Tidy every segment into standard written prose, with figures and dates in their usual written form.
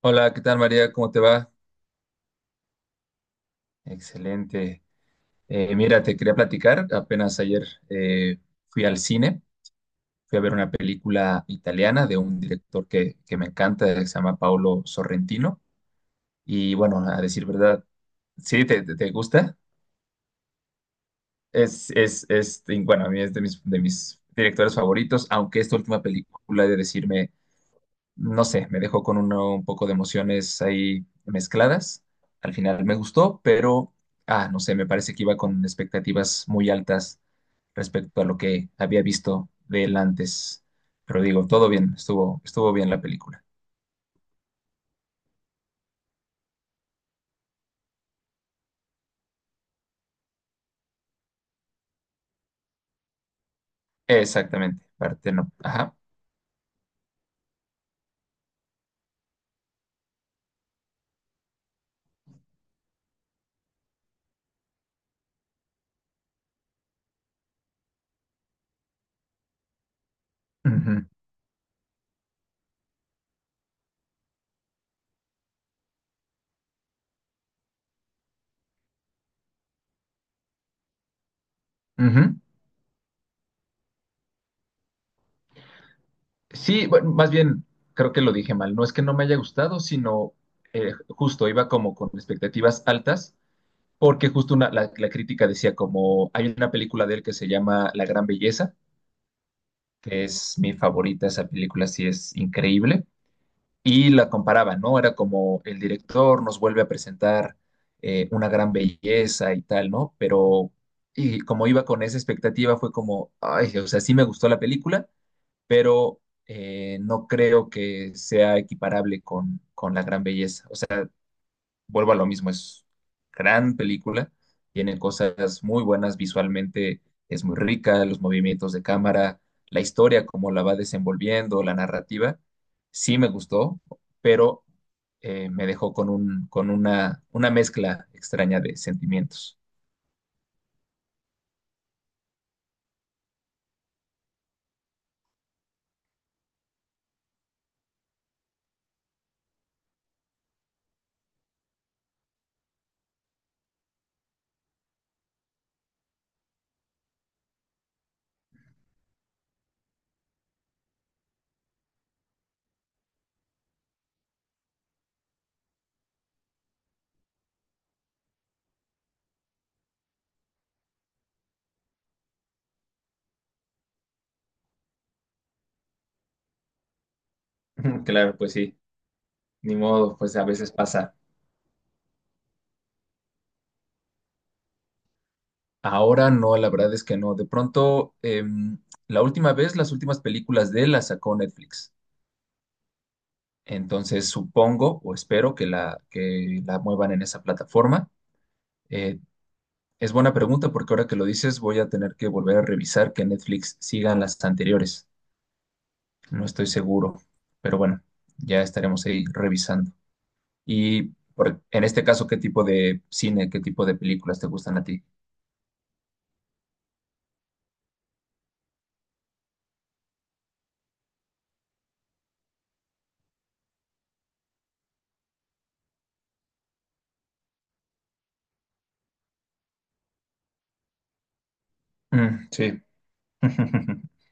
Hola, ¿qué tal, María? ¿Cómo te va? Excelente. Mira, te quería platicar. Apenas ayer fui al cine, fui a ver una película italiana de un director que me encanta, que se llama Paolo Sorrentino. Y bueno, a decir verdad, sí, te gusta. Es, y bueno, a mí es de mis directores favoritos, aunque esta última película, he de decirme, no sé, me dejó con un poco de emociones ahí mezcladas. Al final me gustó, pero, ah, no sé, me parece que iba con expectativas muy altas respecto a lo que había visto de él antes. Pero digo, todo bien, estuvo bien la película. Exactamente, parte no. Ajá. Ujú, ujú. Sí, bueno, más bien, creo que lo dije mal. No es que no me haya gustado, sino justo iba como con expectativas altas porque justo la crítica decía como hay una película de él que se llama La Gran Belleza, que es mi favorita, esa película sí es increíble, y la comparaba, ¿no? Era como el director nos vuelve a presentar una gran belleza y tal, ¿no? Pero y como iba con esa expectativa fue como, ay, o sea, sí me gustó la película, pero no creo que sea equiparable con La Gran Belleza. Vuelvo a lo mismo, es gran película, tiene cosas muy buenas visualmente, es muy rica, los movimientos de cámara, la historia, cómo la va desenvolviendo, la narrativa, sí me gustó, pero me dejó con una mezcla extraña de sentimientos. Claro, pues sí, ni modo, pues a veces pasa. Ahora no, la verdad es que no. De pronto, la última vez, las últimas películas de él las sacó Netflix. Entonces supongo o espero que la muevan en esa plataforma. Eh, es buena pregunta porque ahora que lo dices voy a tener que volver a revisar que Netflix sigan las anteriores. No estoy seguro, pero bueno, ya estaremos ahí revisando. Y en este caso, ¿qué tipo de cine, qué tipo de películas te gustan a ti? Mm, sí.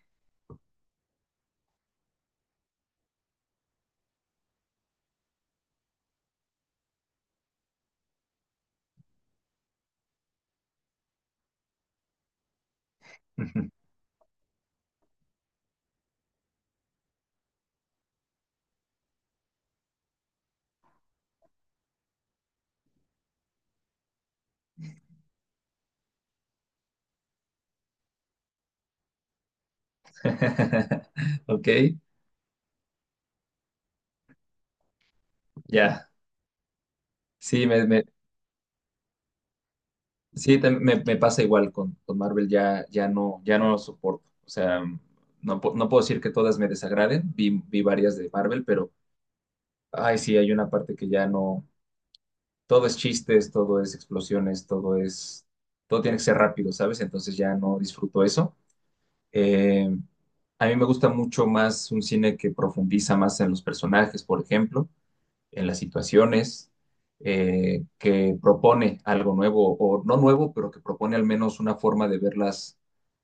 Ok, ya. Sí, me, me- Sí, me pasa igual con Marvel, ya no lo soporto. O sea, no, no puedo decir que todas me desagraden, vi varias de Marvel, pero, ay, sí, hay una parte que ya no, todo es chistes, todo es explosiones, todo es, todo tiene que ser rápido, ¿sabes? Entonces ya no disfruto eso. Eh, a mí me gusta mucho más un cine que profundiza más en los personajes, por ejemplo en las situaciones, que propone algo nuevo, o no nuevo, pero que propone al menos una forma de ver las,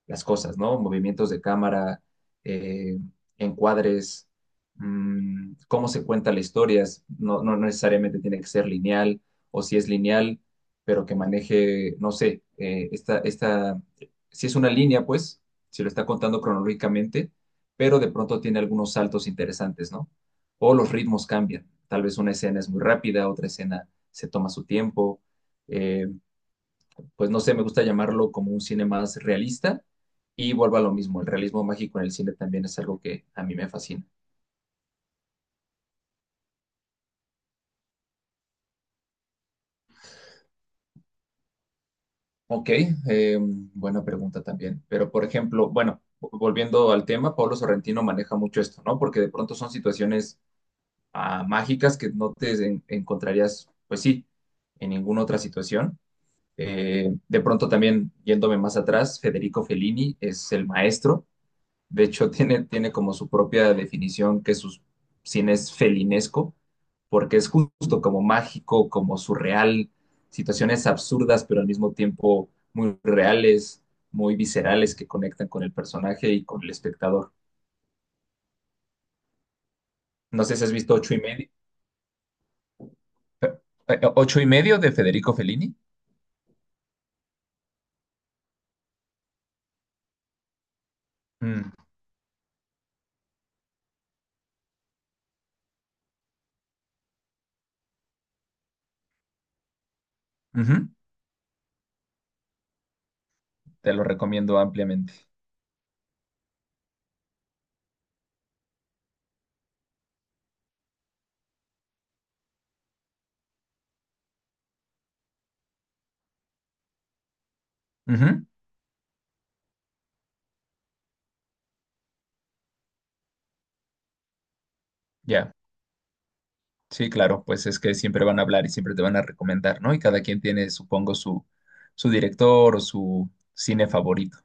las cosas, ¿no? Movimientos de cámara, eh, encuadres, mm, cómo se cuenta la historia, no, no necesariamente tiene que ser lineal, o si es lineal, pero que maneje, no sé, si es una línea, pues, si lo está contando cronológicamente, pero de pronto tiene algunos saltos interesantes, ¿no? O los ritmos cambian. Tal vez una escena es muy rápida, otra escena se toma su tiempo. Eh, pues no sé, me gusta llamarlo como un cine más realista y vuelvo a lo mismo, el realismo mágico en el cine también es algo que a mí me fascina. Ok, buena pregunta también, pero por ejemplo, bueno, volviendo al tema, Pablo Sorrentino maneja mucho esto, ¿no? Porque de pronto son situaciones ah, mágicas que no te encontrarías, pues sí, en ninguna otra situación. De pronto también, yéndome más atrás, Federico Fellini es el maestro. De hecho, tiene como su propia definición, que su cine es felinesco, porque es justo como mágico, como surreal, situaciones absurdas, pero al mismo tiempo muy reales, muy viscerales, que conectan con el personaje y con el espectador. ¿No sé si has visto eh, Ocho y medio de Federico Fellini? Mm, ujú, te lo recomiendo ampliamente. Ujú, ya. Sí, claro, pues es que siempre van a hablar y siempre te van a recomendar, ¿no? Y cada quien tiene, supongo, su director o su cine favorito.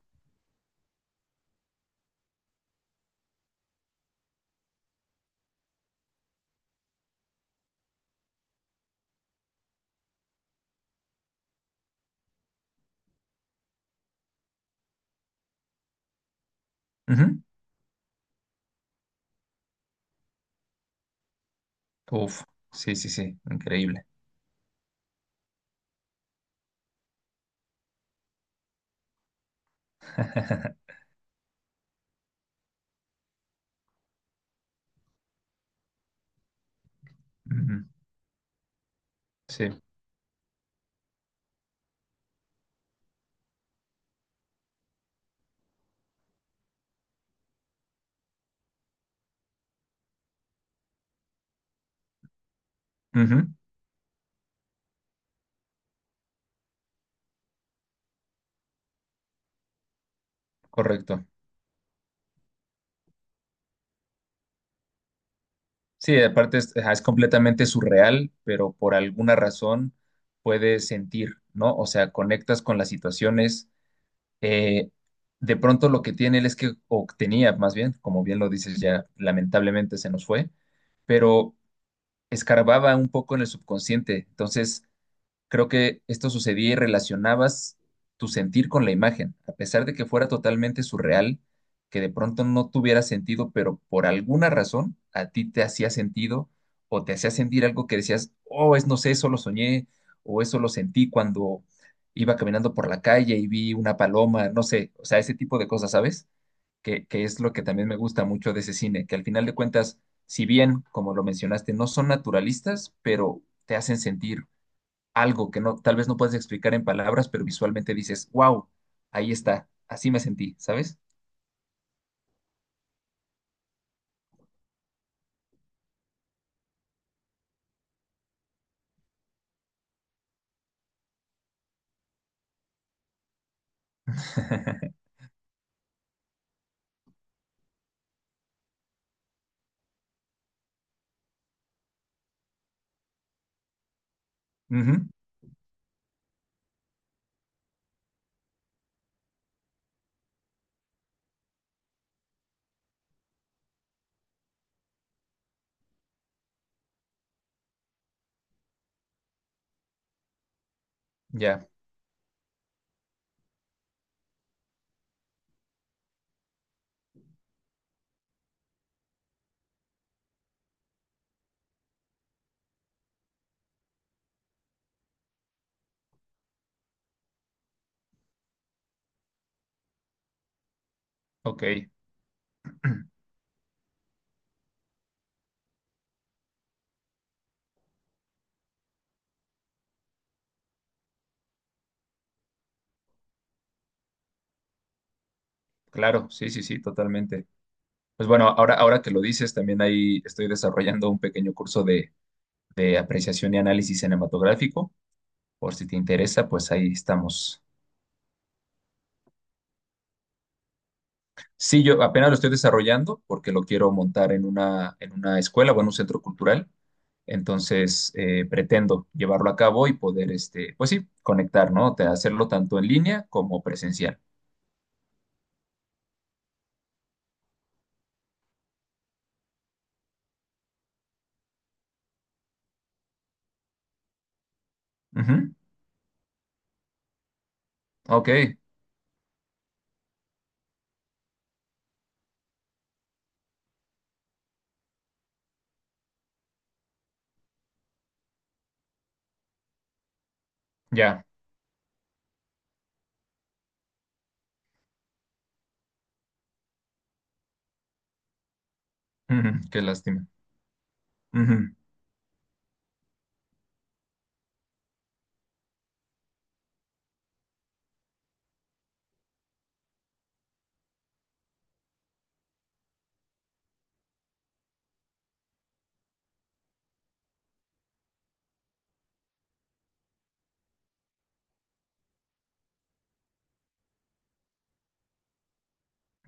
Ujú. Uf, sí, sí, sí, increíble. Ujú, sí, ujú, correcto. Sí, aparte es, ajá, es completamente surreal, pero por alguna razón puedes sentir, ¿no? O sea, conectas con las situaciones. eh, de pronto lo que tiene él es que, o tenía más bien, como bien lo dices ya, lamentablemente se nos fue, pero escarbaba un poco en el subconsciente. Entonces, creo que esto sucedía y relacionabas tu sentir con la imagen, a pesar de que fuera totalmente surreal, que de pronto no tuviera sentido, pero por alguna razón a ti te hacía sentido o te hacía sentir algo que decías, oh, es no sé, eso lo soñé o eso lo sentí cuando iba caminando por la calle y vi una paloma, no sé, o sea, ese tipo de cosas, ¿sabes? Que es lo que también me gusta mucho de ese cine, que al final de cuentas, si bien, como lo mencionaste, no son naturalistas, pero te hacen sentir algo que no, tal vez no puedes explicar en palabras, pero visualmente dices, wow, ahí está, así me sentí, ¿sabes? Ujú, ya, ok. Claro, sí, sí, sí, totalmente. Pues bueno, ahora que lo dices, también ahí estoy desarrollando un pequeño curso de apreciación y análisis cinematográfico. Por si te interesa, pues ahí estamos. Sí, yo apenas lo estoy desarrollando porque lo quiero montar en una escuela o en un centro cultural. Entonces, pretendo llevarlo a cabo y poder, este, pues sí, conectar, ¿no? Hacerlo tanto en línea como presencial. Ujú. Ok, ya. Ujú, qué lástima. Ujú.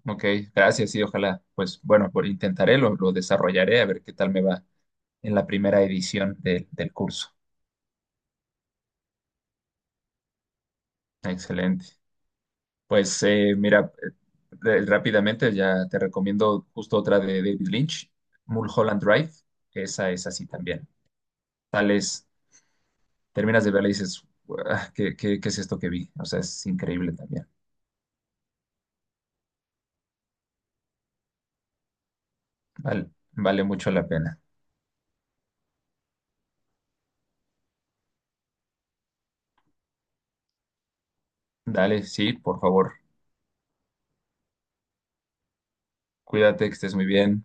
Ok, gracias, sí, ojalá. Pues bueno, por, intentaré, lo desarrollaré a ver qué tal me va en la primera edición del curso. Excelente. Pues mira, rápidamente ya te recomiendo justo otra de David Lynch, Mulholland Drive, que esa es así también. Tales, terminas de verla y dices, "Guau, ¿qué es esto que vi? O sea, es increíble también". Vale, vale mucho la pena. Dale, sí, por favor, cuídate, que estés muy bien.